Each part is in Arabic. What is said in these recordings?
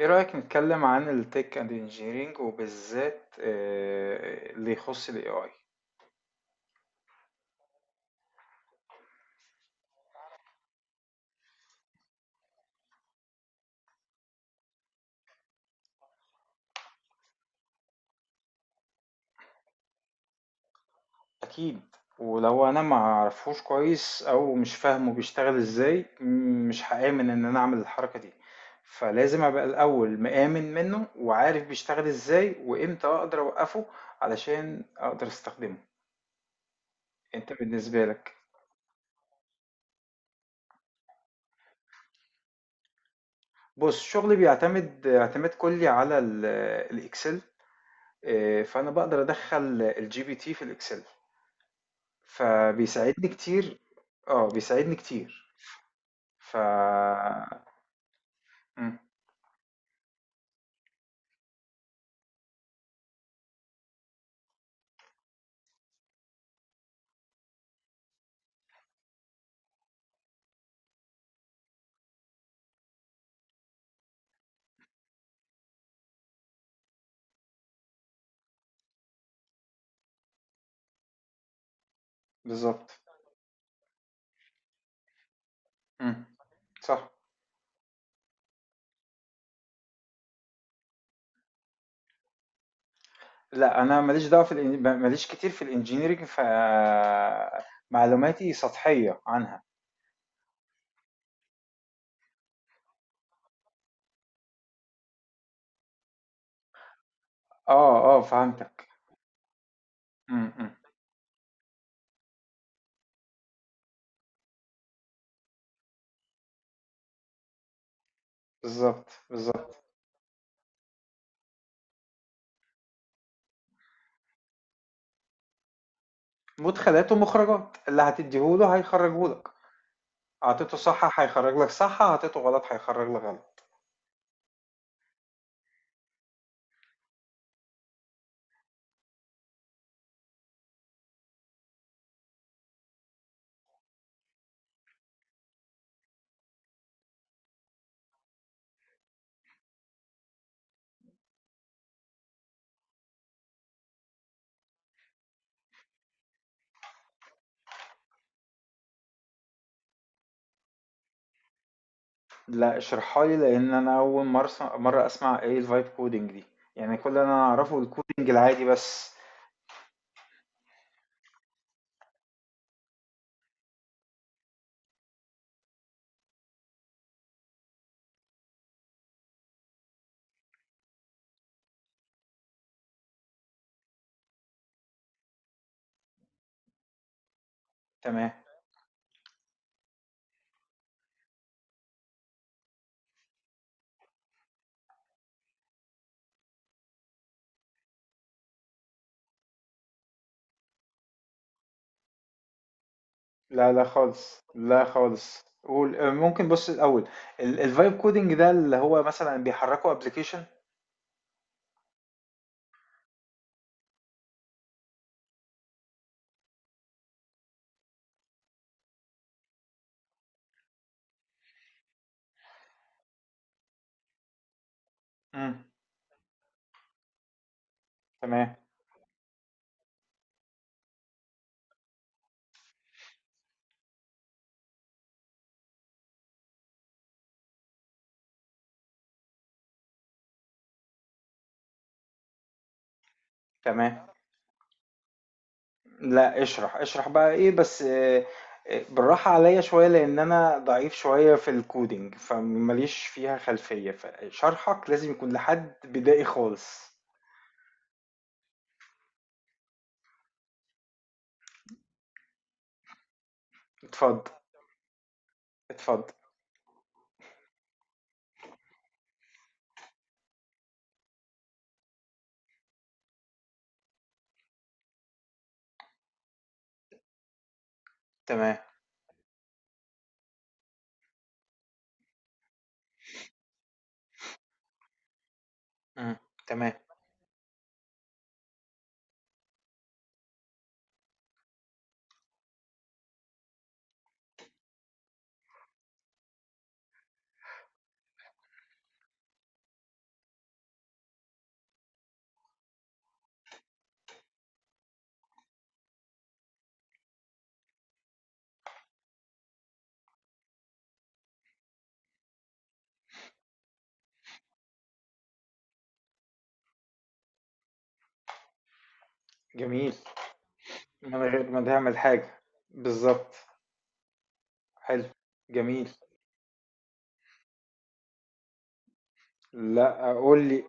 ايه رأيك نتكلم عن التك اند انجينيرينج وبالذات اللي يخص الاي اي؟ اكيد. ولو انا ما اعرفوش كويس او مش فاهمه بيشتغل ازاي مش هآمن ان انا اعمل الحركة دي. فلازم ابقى الاول مآمن منه وعارف بيشتغل ازاي وامتى اقدر اوقفه علشان اقدر استخدمه. انت بالنسبة لك؟ بص، شغلي بيعتمد اعتماد كلي على الاكسل. فانا بقدر ادخل الجي بي تي في الاكسل، فبيساعدني كتير. اه، بيساعدني كتير. ف مم. بالظبط. مم. صح. لا، انا ماليش دعوه في ماليش كتير في الانجينيرينج، معلوماتي سطحيه عنها. اه، اه، فهمتك. مم، مم. بالظبط، بالظبط. مدخلات ومخرجات، اللي هتديهوله هيخرجهولك. اعطيته صح هيخرج لك صح، اعطيته غلط هيخرج لك غلط. لا، اشرحها لي لان انا اول مره أسمع، مره اسمع ايه الفايب كودنج دي. يعني كل اللي انا اعرفه الكودنج العادي بس. تمام. لا، لا خالص، لا خالص، قول. ممكن، بص الاول، الفايب كودنج ده اللي هو مثلا بيحركوا ابلكيشن؟ امم. تمام. تمام. لا، اشرح اشرح بقى، ايه بس. بالراحه عليا شويه لان انا ضعيف شويه في الكودينج، فماليش فيها خلفيه، فشرحك لازم يكون لحد بدائي خالص. اتفضل، اتفضل. تمام. إمم. تمام، جميل، من غير ما تعمل حاجة، بالضبط، حلو، جميل. لأ، قُل لي.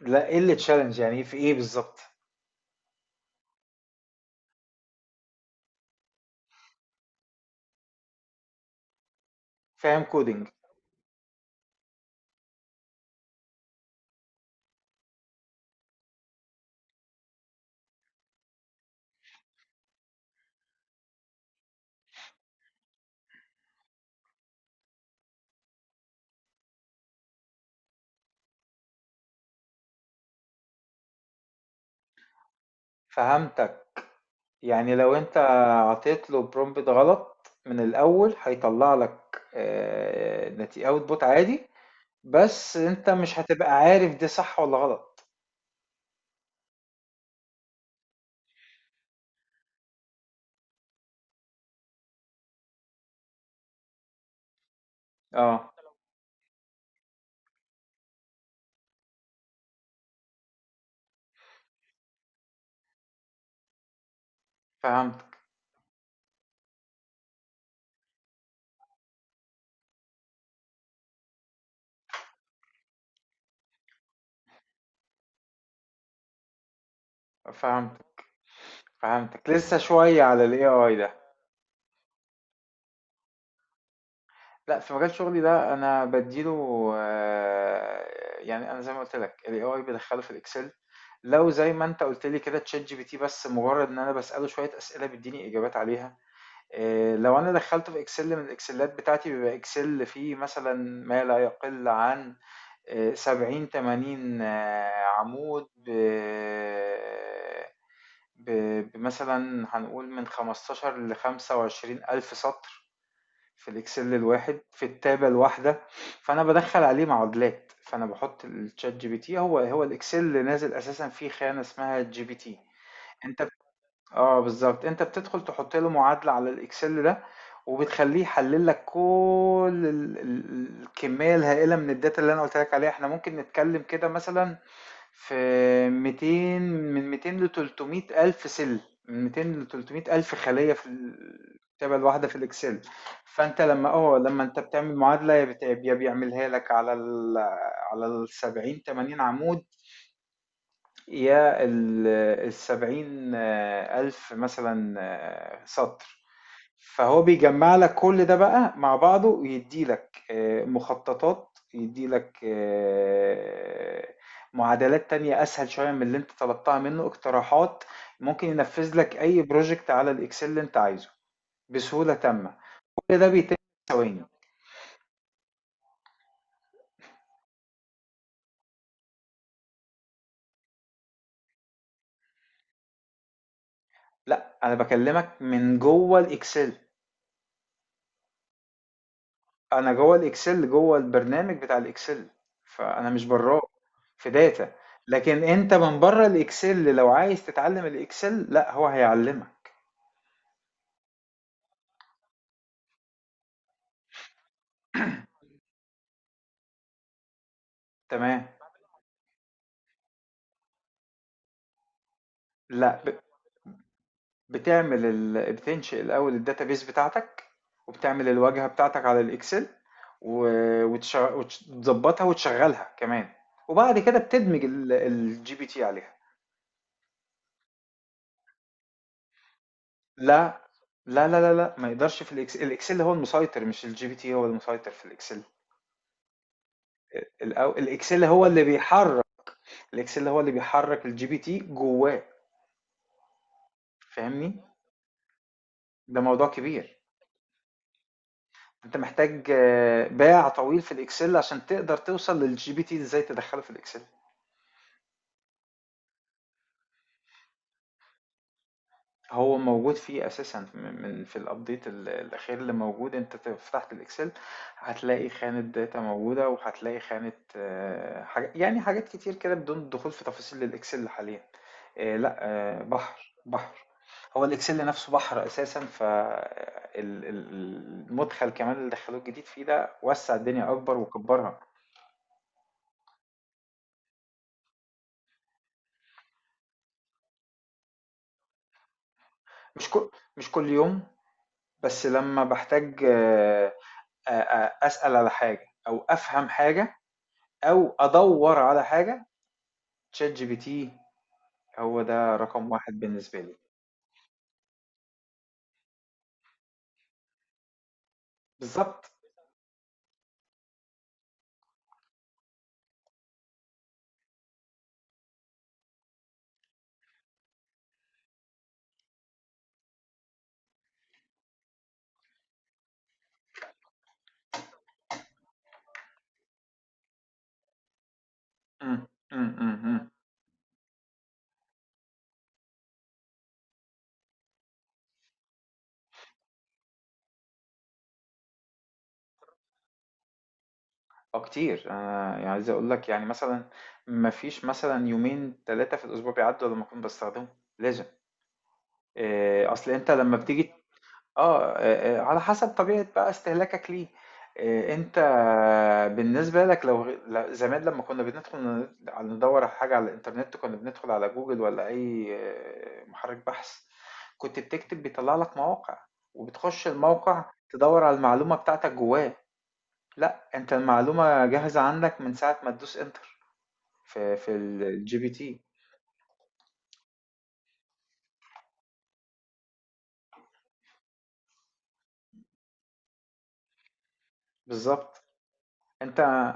لأ، إيه الchallenge؟ يعني في إيه بالضبط؟ فاهم coding. فهمتك، يعني لو أنت عطيت له prompt غلط من الأول هيطلّع لك نت output عادي، بس أنت مش هتبقى عارف ده صح والّا غلط. آه، فهمتك، فهمتك، فهمتك، لسه شوية على الAI ده. لأ، في مجال شغلي ده أنا بادّي له يعني أنا زي ما قُلت لك، الAI بادخّله في الExcel. لو زي ما أنت قُلت لي كده، ChatGPT بس مجرّد إن أنا باسأله شوية أسئلة بيدّيني إجابات عليها. لو أنا دخّلته في Excel من الإكسلات بتاعتي بيبقى Excel فيه مثلًا ما لا يقل عن 70، 80 عمود ب ب بمثلًا هنقول من 15 ل25.000 سطر. في الإكسل الواحد في التابة الواحدة. فأنا بدخل عليه معادلات، فأنا بحط الشات جي بي تي، هو هو الإكسل اللي نازل أساسا فيه خانة اسمها جي بي تي. أنت بت- اه بالظبط، أنت بتدخل تحط له معادلة على الإكسل ده، وبتخليه يحلل لك كل الكمية الهائلة من الداتا اللي أنا قلت لك عليها. احنا ممكن نتكلم كده مثلا في 200، من 200 ل 300 ألف من 200 ل 300 ألف خلية في الكتابة الواحدة في الإكسل. فأنت لما أنت بتعمل معادلة، يا بيعملها لك على ال 70 80 عمود، يا ال 70 ألف مثلا سطر. فهو بيجمع لك كل ده بقى مع بعضه ويدي لك مخططات، يدي لك معادلات تانية أسهل شوية من اللي أنت طلبتها منه، اقتراحات، ممكن ينفذ لك أي بروجكت على الإكسل اللي أنت عايزه بسهولة تامة. كل ده بيتم في ثواني. لا، أنا بكلمك من جوه الإكسل. أنا جوه الإكسل، جوه البرنامج بتاع الإكسل، فأنا مش براه في داتا. لكن أنت من بره الإكسل لو عايز تتعلم الإكسل، لا هو هيعلمك. تمام. لأ، بتعمل ال بتنشئ الأول الdatabase بتاعتك، وبتعمل الواجهة بتاعتك على الExcel، و وتش وتش تضبّطها وتشغّلها كمان، وبعد كده بتدمج الGPT عليها. لأ، لا، لا، لا، لأ، ما يقدرش في الExcel هو المسيطر، مش الGPT هو المسيطر في الExcel. الExcel هو اللي بيحرك، الExcel هو اللي بيحرك الGPT جواه. فاهمني؟ ده موضوع كبير. أنت محتاج باع طويل في الإكسل عشان تقدر توصل للجي بي تي إزاي تدخله في الإكسل. هو موجود فيه أساسا في الأبديت الأخير اللي موجود. أنت فتحت الإكسل، هتلاقي خانة داتا موجودة وهتلاقي خانة حاجة، يعني حاجات كتير كده بدون دخول في تفاصيل الإكسل حاليا. لا، بحر بحر. هو الإكسل نفسه بحر أساسا، فالمدخل كمان اللي دخلوه الجديد فيه ده وسع الدنيا أكبر وكبرها. مش كل مش كل يوم، بس لما بحتاج أسأل على حاجة أو أفهم حاجة أو أدور على حاجة. تشات جي بي تي، هو ده رقم واحد بالنسبة لي. بالظبط. مم، مم، مم، مم. أه كتير، أنا يعني عايز أقول لك يعني مثلا مفيش مثلا يومين تلاتة في الأسبوع بيعدوا لما أكون بستخدمه. لازم. أصل أنت لما بتيجي. على حسب طبيعة بقى استهلاكك ليه. أنت بالنسبة لك، لو زمان لمّا كنا بندخل ندوّر على حاجة على الإنترنت، كنا بندخل على جوجل والّا أي محرك بحث، كنت بتكتب بيطلّع لك مواقع، وبتخش الموقع تدوّر على المعلومة بتاعتك جواه. لأ، أنت المعلومة جاهزة عندك من ساعة ما تدوس enter في الGPT. بالضبط، أنت.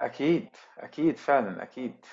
أكيد، أكيد فعلًا، أكيد.